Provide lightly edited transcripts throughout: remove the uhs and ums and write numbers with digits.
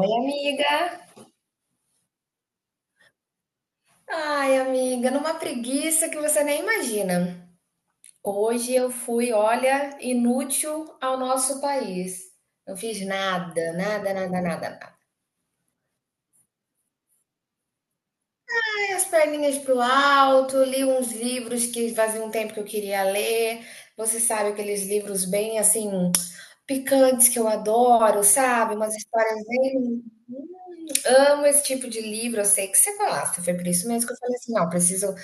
Oi, amiga. Ai, amiga, numa preguiça que você nem imagina. Hoje eu fui, olha, inútil ao nosso país. Não fiz nada, nada, nada, nada, nada. Dei as perninhas pro alto, li uns livros que fazia um tempo que eu queria ler. Você sabe aqueles livros bem assim picantes que eu adoro, sabe? Umas histórias bem. Amo esse tipo de livro, eu sei que você gosta. Foi por isso mesmo que eu falei assim: não, preciso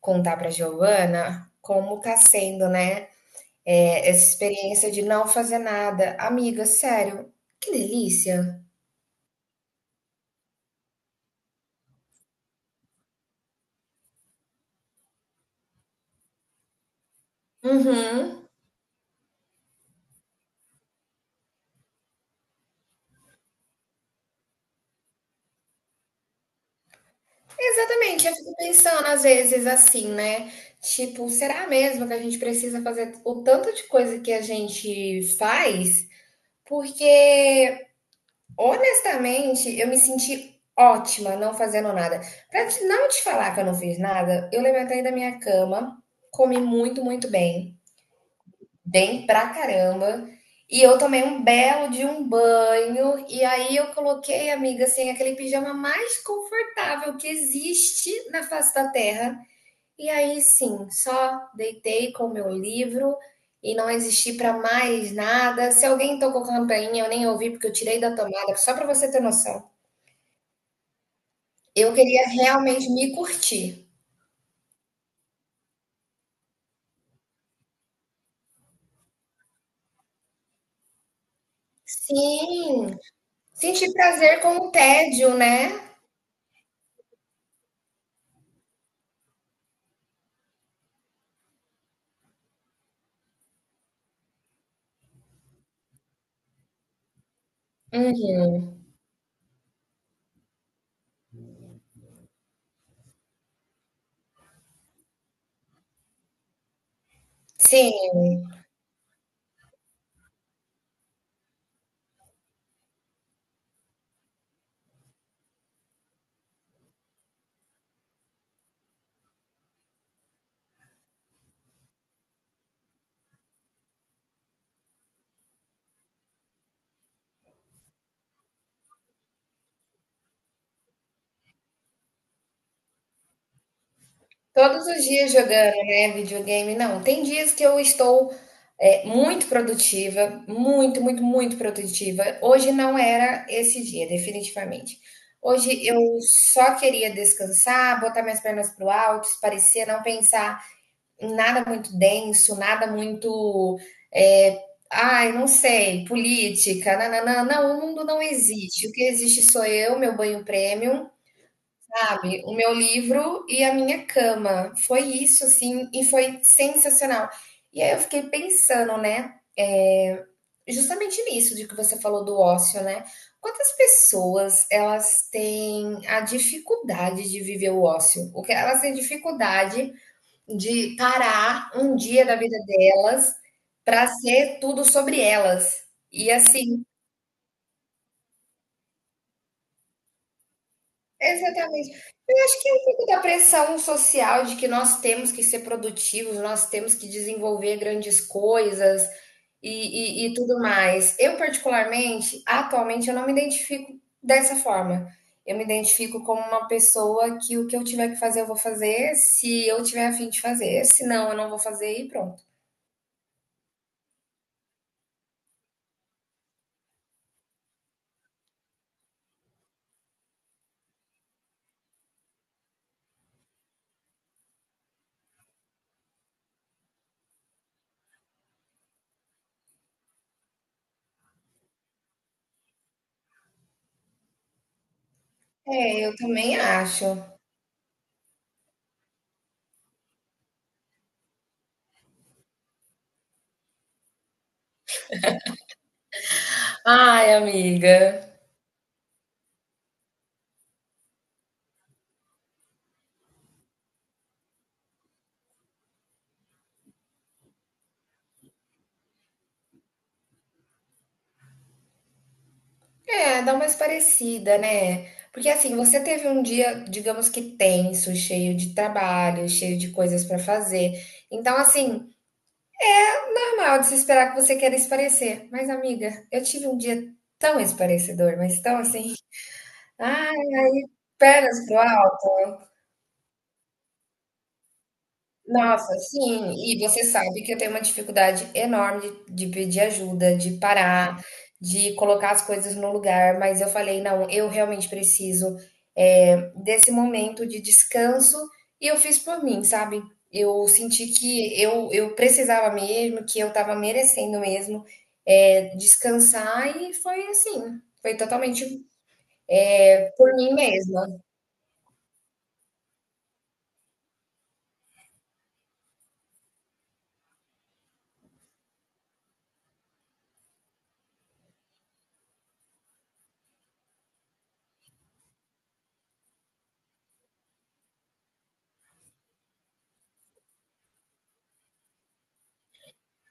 contar para a Giovana como tá sendo, né, essa experiência de não fazer nada. Amiga, sério, que delícia. Uhum. Exatamente, eu fico pensando às vezes assim, né? Tipo, será mesmo que a gente precisa fazer o tanto de coisa que a gente faz? Porque, honestamente, eu me senti ótima não fazendo nada. Não te falar que eu não fiz nada, eu levantei da minha cama, comi muito, muito bem. Bem pra caramba. E eu tomei um belo de um banho, e aí eu coloquei, amiga, assim, aquele pijama mais confortável que existe na face da Terra. E aí sim, só deitei com o meu livro e não existi pra mais nada. Se alguém tocou campainha, eu nem ouvi porque eu tirei da tomada, só pra você ter noção. Eu queria realmente me curtir. Sim, sentir prazer com o tédio, né? Uhum. Sim. Todos os dias jogando, né, videogame, não. Tem dias que eu estou, muito produtiva, muito, muito, muito produtiva. Hoje não era esse dia, definitivamente. Hoje eu só queria descansar, botar minhas pernas pro alto, espairecer, não pensar em nada muito denso, nada muito, eh, ai, não sei, política, não, o mundo não existe. O que existe sou eu, meu banho premium. Sabe, o meu livro e a minha cama. Foi isso, assim, e foi sensacional. E aí eu fiquei pensando, né, justamente nisso de que você falou do ócio, né. Quantas pessoas elas têm a dificuldade de viver o ócio? O que elas têm dificuldade de parar um dia da vida delas para ser tudo sobre elas. E assim. Exatamente. Eu acho que é um pouco da pressão social de que nós temos que ser produtivos, nós temos que desenvolver grandes coisas e tudo mais. Eu, particularmente, atualmente, eu não me identifico dessa forma. Eu me identifico como uma pessoa que o que eu tiver que fazer, eu vou fazer, se eu tiver a fim de fazer, se não, eu não vou fazer e pronto. É, eu também acho. Ai, amiga. É, dá uma esparecida, né? Porque assim, você teve um dia, digamos que tenso, cheio de trabalho, cheio de coisas pra fazer. Então, assim, normal de se esperar que você queira esparecer. Mas, amiga, eu tive um dia tão esparecedor, mas tão assim, ah, pernas pro ar. Nossa, sim, e você sabe que eu tenho uma dificuldade enorme de pedir ajuda, de parar, de colocar as coisas no lugar, mas eu falei: "Não, eu realmente preciso, eh, desse momento de descanso", e eu fiz por mim, sabe. Eu senti que eu precisava mesmo, que eu estava merecendo mesmo, descansar, e foi assim, foi totalmente por mim mesmo.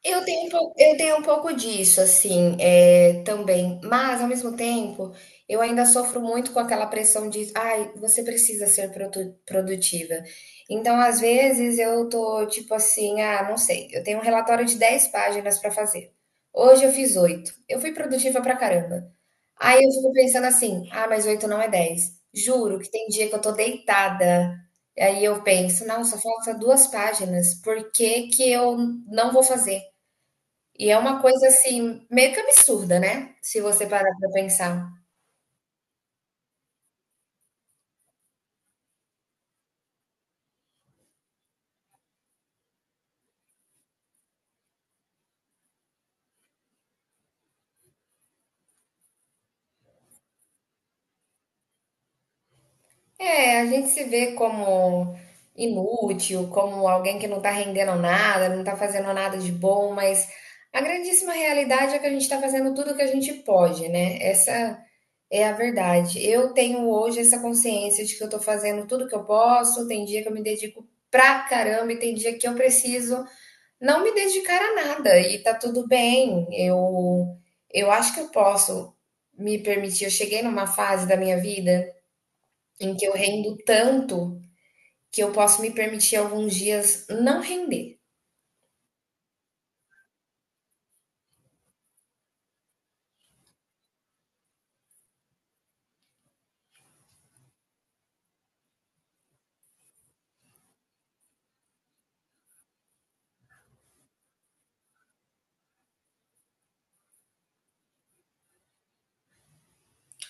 Eu tenho um pouco disso, assim, é, também. Mas, ao mesmo tempo, eu ainda sofro muito com aquela pressão de, ai, você precisa ser produtiva. Então, às vezes, eu tô tipo assim, ah, não sei, eu tenho um relatório de 10 páginas para fazer. Hoje eu fiz 8, eu fui produtiva pra caramba. Aí eu fico pensando assim, ah, mas 8 não é 10. Juro que tem dia que eu tô deitada. Aí eu penso, não, só falta 2 páginas. Por que que eu não vou fazer? E é uma coisa, assim, meio que absurda, né, se você parar para pensar. É, a gente se vê como inútil, como alguém que não tá rendendo nada, não tá fazendo nada de bom, mas a grandíssima realidade é que a gente tá fazendo tudo o que a gente pode, né, essa é a verdade. Eu tenho hoje essa consciência de que eu tô fazendo tudo que eu posso, tem dia que eu me dedico pra caramba e tem dia que eu preciso não me dedicar a nada e tá tudo bem. Eu acho que eu posso me permitir. Eu cheguei numa fase da minha vida em que eu rendo tanto que eu posso me permitir alguns dias não render.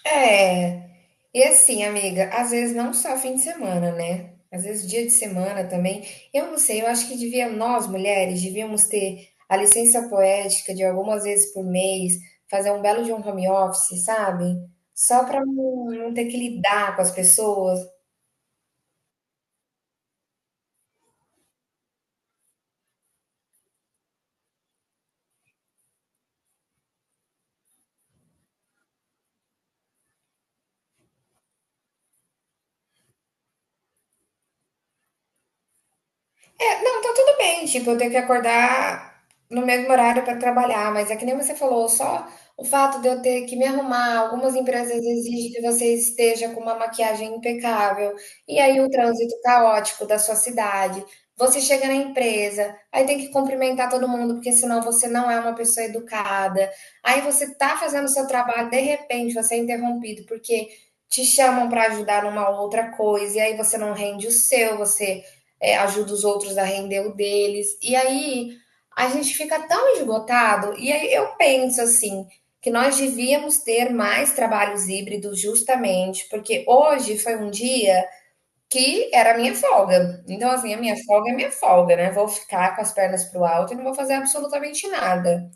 É. E assim, amiga, às vezes não só fim de semana, né? Às vezes dia de semana também. Eu não sei, eu acho que devia, nós mulheres, devíamos ter a licença poética de algumas vezes por mês, fazer um belo de um home office, sabe? Só para não ter que lidar com as pessoas. É, não, tá tudo bem, tipo, eu tenho que acordar no mesmo horário para trabalhar, mas é que nem você falou, só o fato de eu ter que me arrumar, algumas empresas exigem que você esteja com uma maquiagem impecável, e aí o trânsito caótico da sua cidade. Você chega na empresa, aí tem que cumprimentar todo mundo, porque senão você não é uma pessoa educada. Aí você tá fazendo o seu trabalho, de repente você é interrompido porque te chamam para ajudar numa outra coisa, e aí você não rende o seu, você é, ajuda os outros a render o deles. E aí a gente fica tão esgotado. E aí eu penso assim que nós devíamos ter mais trabalhos híbridos justamente porque hoje foi um dia que era a minha folga. Então, assim, a minha folga é minha folga, né? Vou ficar com as pernas pro alto e não vou fazer absolutamente nada.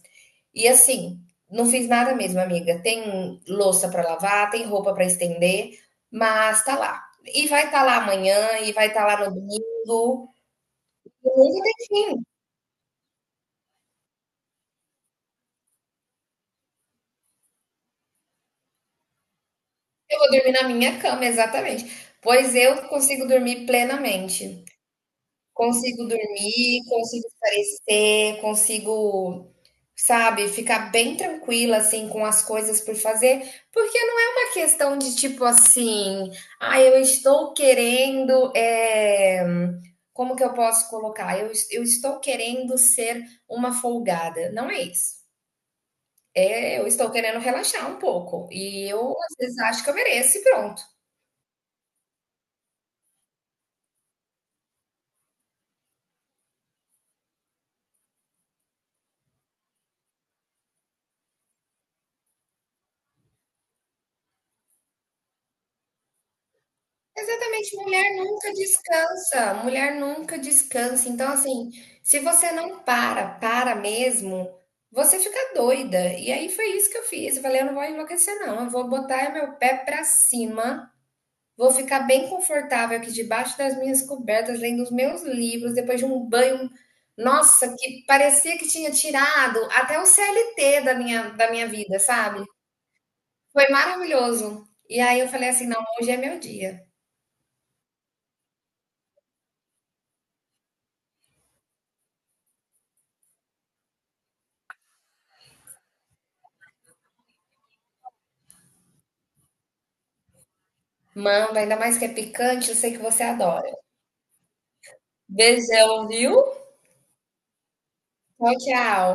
E assim, não fiz nada mesmo, amiga. Tem louça para lavar, tem roupa para estender, mas tá lá. E vai estar tá lá amanhã, e vai estar tá lá no domingo. Nunca tem fim. Eu vou dormir na minha cama, exatamente. Pois eu consigo dormir plenamente. Consigo dormir, consigo espairecer, consigo, sabe, ficar bem tranquila, assim, com as coisas por fazer, porque não é uma questão de tipo assim, ah, eu estou querendo, como que eu posso colocar? Eu estou querendo ser uma folgada. Não é isso. É, eu estou querendo relaxar um pouco. E eu, às vezes, acho que eu mereço e pronto. Exatamente, mulher nunca descansa, mulher nunca descansa. Então, assim, se você não para, para mesmo, você fica doida. E aí foi isso que eu fiz. Eu falei, eu não vou enlouquecer, não. Eu vou botar meu pé pra cima, vou ficar bem confortável aqui debaixo das minhas cobertas, lendo os meus livros, depois de um banho, nossa, que parecia que tinha tirado até o CLT da minha vida, sabe? Foi maravilhoso. E aí eu falei assim, não, hoje é meu dia. Manda, ainda mais que é picante, eu sei que você adora. Beijão, viu? Tchau, tchau.